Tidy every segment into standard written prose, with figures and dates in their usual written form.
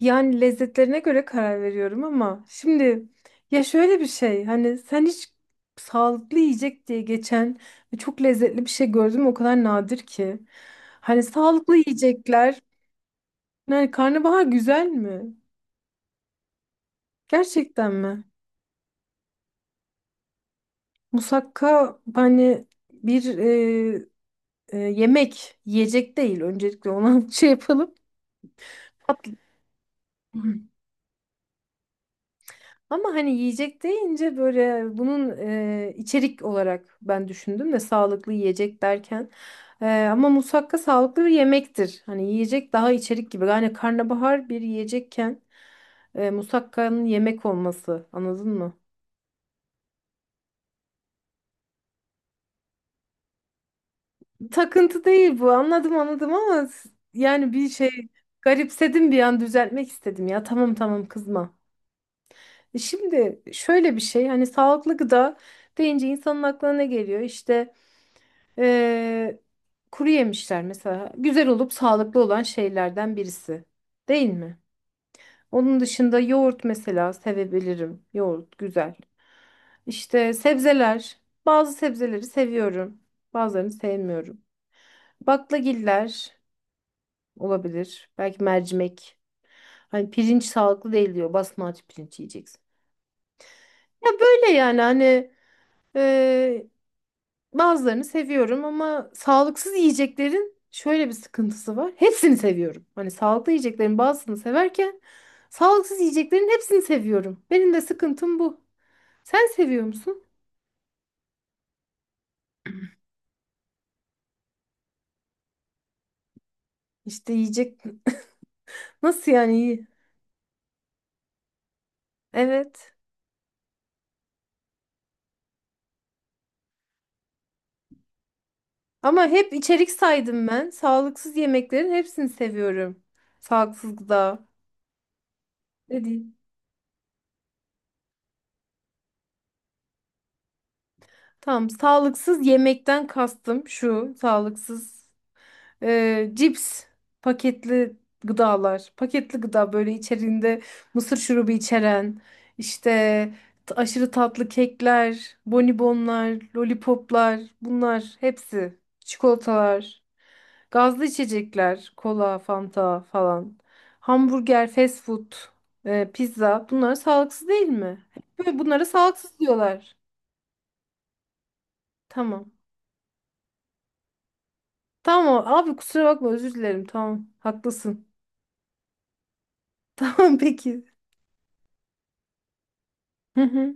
Yani lezzetlerine göre karar veriyorum ama şimdi ya şöyle bir şey hani sen hiç sağlıklı yiyecek diye geçen ve çok lezzetli bir şey gördüm o kadar nadir ki. Hani sağlıklı yiyecekler yani karnabahar güzel mi? Gerçekten mi? Musakka hani bir yemek yiyecek değil öncelikle ona şey yapalım. Tatlı. Ama hani yiyecek deyince böyle bunun içerik olarak ben düşündüm de sağlıklı yiyecek derken. Ama musakka sağlıklı bir yemektir. Hani yiyecek daha içerik gibi. Yani karnabahar bir yiyecekken musakkanın yemek olması anladın mı? Takıntı değil bu, anladım anladım ama yani bir şey garipsedim bir an, düzeltmek istedim, ya tamam tamam kızma. Şimdi şöyle bir şey, hani sağlıklı gıda deyince insanın aklına ne geliyor? İşte Ee, kuru yemişler mesela, güzel olup sağlıklı olan şeylerden birisi. Değil mi? Onun dışında yoğurt mesela sevebilirim. Yoğurt güzel. İşte sebzeler. Bazı sebzeleri seviyorum. Bazılarını sevmiyorum. Baklagiller olabilir. Belki mercimek. Hani pirinç sağlıklı değil diyor. Basmati pirinç yiyeceksin. Ya böyle yani hani bazılarını seviyorum ama sağlıksız yiyeceklerin şöyle bir sıkıntısı var. Hepsini seviyorum. Hani sağlıklı yiyeceklerin bazısını severken sağlıksız yiyeceklerin hepsini seviyorum. Benim de sıkıntım bu. Sen seviyor musun? İşte yiyecek, nasıl yani iyi? Evet. Ama hep içerik saydım ben. Sağlıksız yemeklerin hepsini seviyorum. Sağlıksız gıda. Ne diyeyim? Tamam, sağlıksız yemekten kastım şu. Sağlıksız cips, paketli gıdalar, paketli gıda, böyle içeriğinde mısır şurubu içeren, işte aşırı tatlı kekler, bonibonlar, lollipoplar, bunlar hepsi, çikolatalar, gazlı içecekler, kola, fanta falan, hamburger, fast food, pizza, bunlar sağlıksız değil mi? Böyle bunlara sağlıksız diyorlar. Tamam. Tamam abi, kusura bakma, özür dilerim. Tamam haklısın. Tamam peki. Hı hı.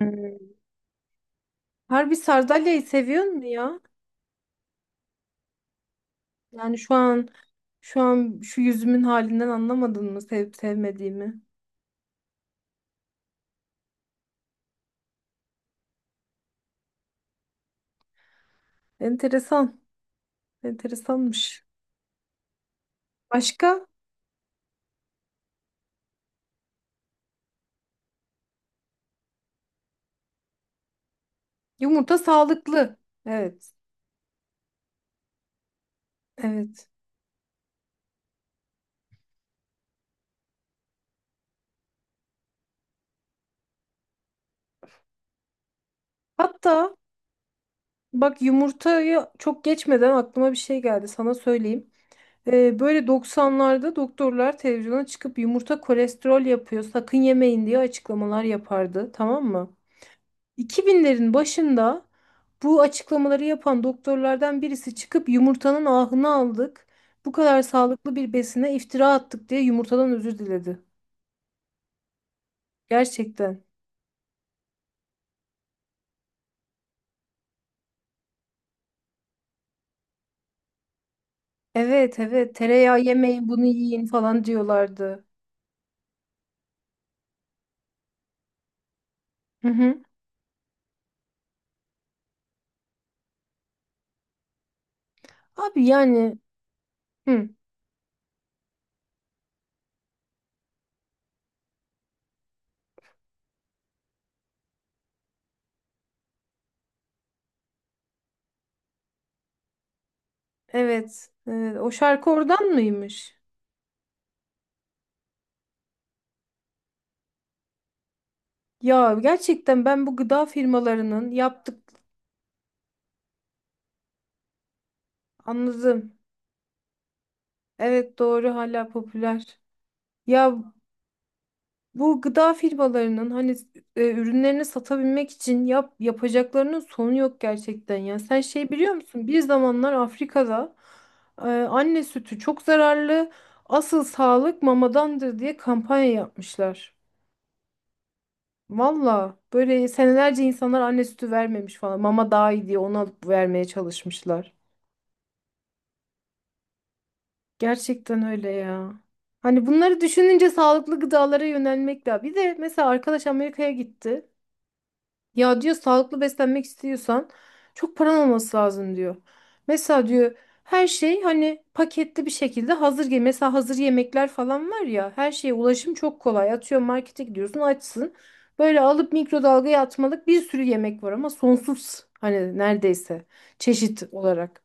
Hmm. Harbi sardalyayı seviyor mu ya? Yani şu an şu yüzümün halinden anlamadın mı sevip sevmediğimi? Enteresan. Enteresanmış. Başka? Yumurta sağlıklı. Evet. Evet. Hatta bak, yumurtayı çok geçmeden aklıma bir şey geldi. Sana söyleyeyim. Böyle 90'larda doktorlar televizyona çıkıp yumurta kolesterol yapıyor, sakın yemeyin diye açıklamalar yapardı. Tamam mı? 2000'lerin başında bu açıklamaları yapan doktorlardan birisi çıkıp yumurtanın ahını aldık, bu kadar sağlıklı bir besine iftira attık diye yumurtadan özür diledi. Gerçekten. Evet, evet, tereyağı yemeyin bunu yiyin falan diyorlardı. Hı hı. Abi yani hı, evet, evet o şarkı oradan mıymış? Ya gerçekten, ben bu gıda firmalarının yaptık anladım. Evet doğru, hala popüler. Ya bu gıda firmalarının hani ürünlerini satabilmek için yapacaklarının sonu yok gerçekten ya. Sen şey biliyor musun? Bir zamanlar Afrika'da anne sütü çok zararlı, asıl sağlık mamadandır diye kampanya yapmışlar. Valla böyle senelerce insanlar anne sütü vermemiş falan. Mama daha iyi diye onu alıp vermeye çalışmışlar. Gerçekten öyle ya. Hani bunları düşününce sağlıklı gıdalara yönelmek de. Bir de mesela arkadaş Amerika'ya gitti. Ya diyor, sağlıklı beslenmek istiyorsan çok paran olması lazım diyor. Mesela diyor her şey hani paketli bir şekilde hazır gel. Mesela hazır yemekler falan var ya, her şeye ulaşım çok kolay. Atıyor, markete gidiyorsun açsın. Böyle alıp mikrodalgaya atmalık bir sürü yemek var ama sonsuz hani, neredeyse çeşit olarak.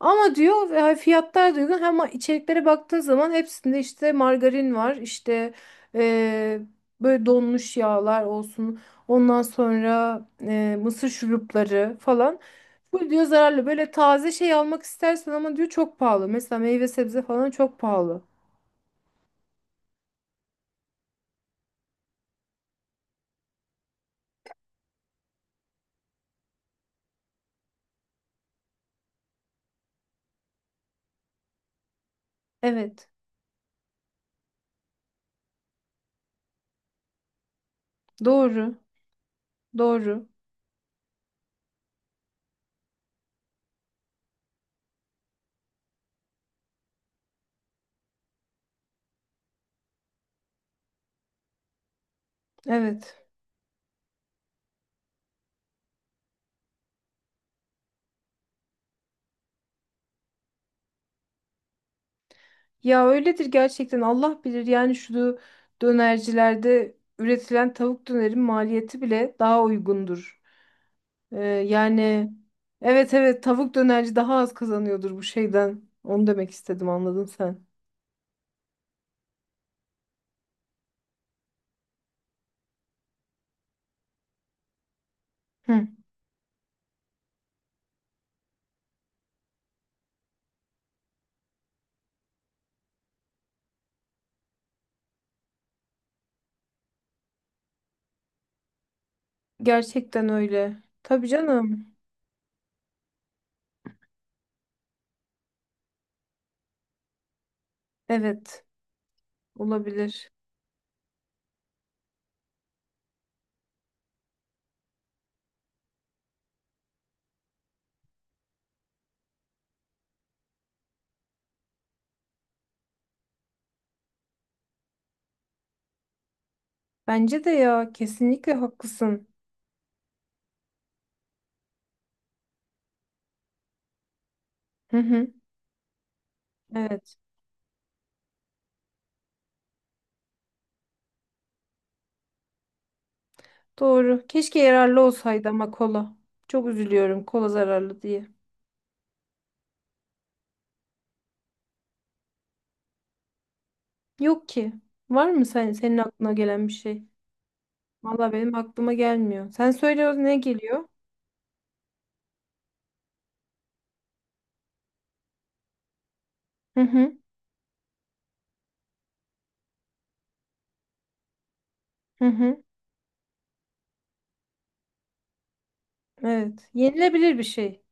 Ama diyor ve fiyatlar da uygun, ama içeriklere baktığın zaman hepsinde işte margarin var, işte eee, böyle donmuş yağlar olsun. Ondan sonra mısır şurupları falan. Bu diyor zararlı. Böyle taze şey almak istersen ama diyor çok pahalı. Mesela meyve sebze falan çok pahalı. Evet. Doğru. Doğru. Evet. Ya öyledir gerçekten. Allah bilir yani, şu dönercilerde üretilen tavuk dönerin maliyeti bile daha uygundur. Yani evet, evet, tavuk dönerci daha az kazanıyordur bu şeyden. Onu demek istedim, anladın sen. Hı. Gerçekten öyle. Tabii canım. Evet, olabilir. Bence de ya, kesinlikle haklısın. Hı hı. Evet, doğru. Keşke yararlı olsaydı ama kola. Çok üzülüyorum kola zararlı diye. Yok ki. Var mı, sen, senin aklına gelen bir şey? Valla benim aklıma gelmiyor. Sen söyle, ne geliyor? Hı hı. Hı hı. Evet. Yenilebilir bir şey.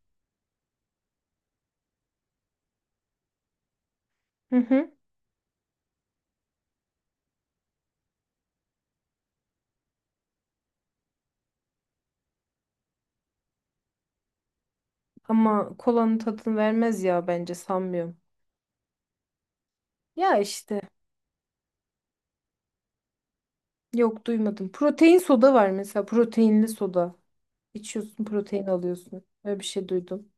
Hı hı. Ama kolanın tadını vermez ya, bence sanmıyorum. Ya işte. Yok, duymadım. Protein soda var mesela. Proteinli soda. İçiyorsun, protein alıyorsun. Öyle bir şey duydum.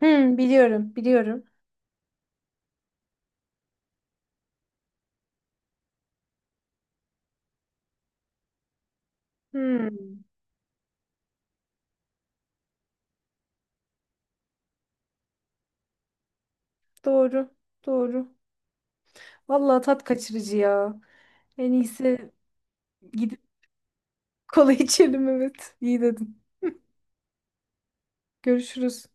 Hmm, biliyorum, biliyorum. Hmm, doğru, doğru. Vallahi tat kaçırıcı ya. En iyisi gidip kola içelim, evet. İyi dedin. Görüşürüz.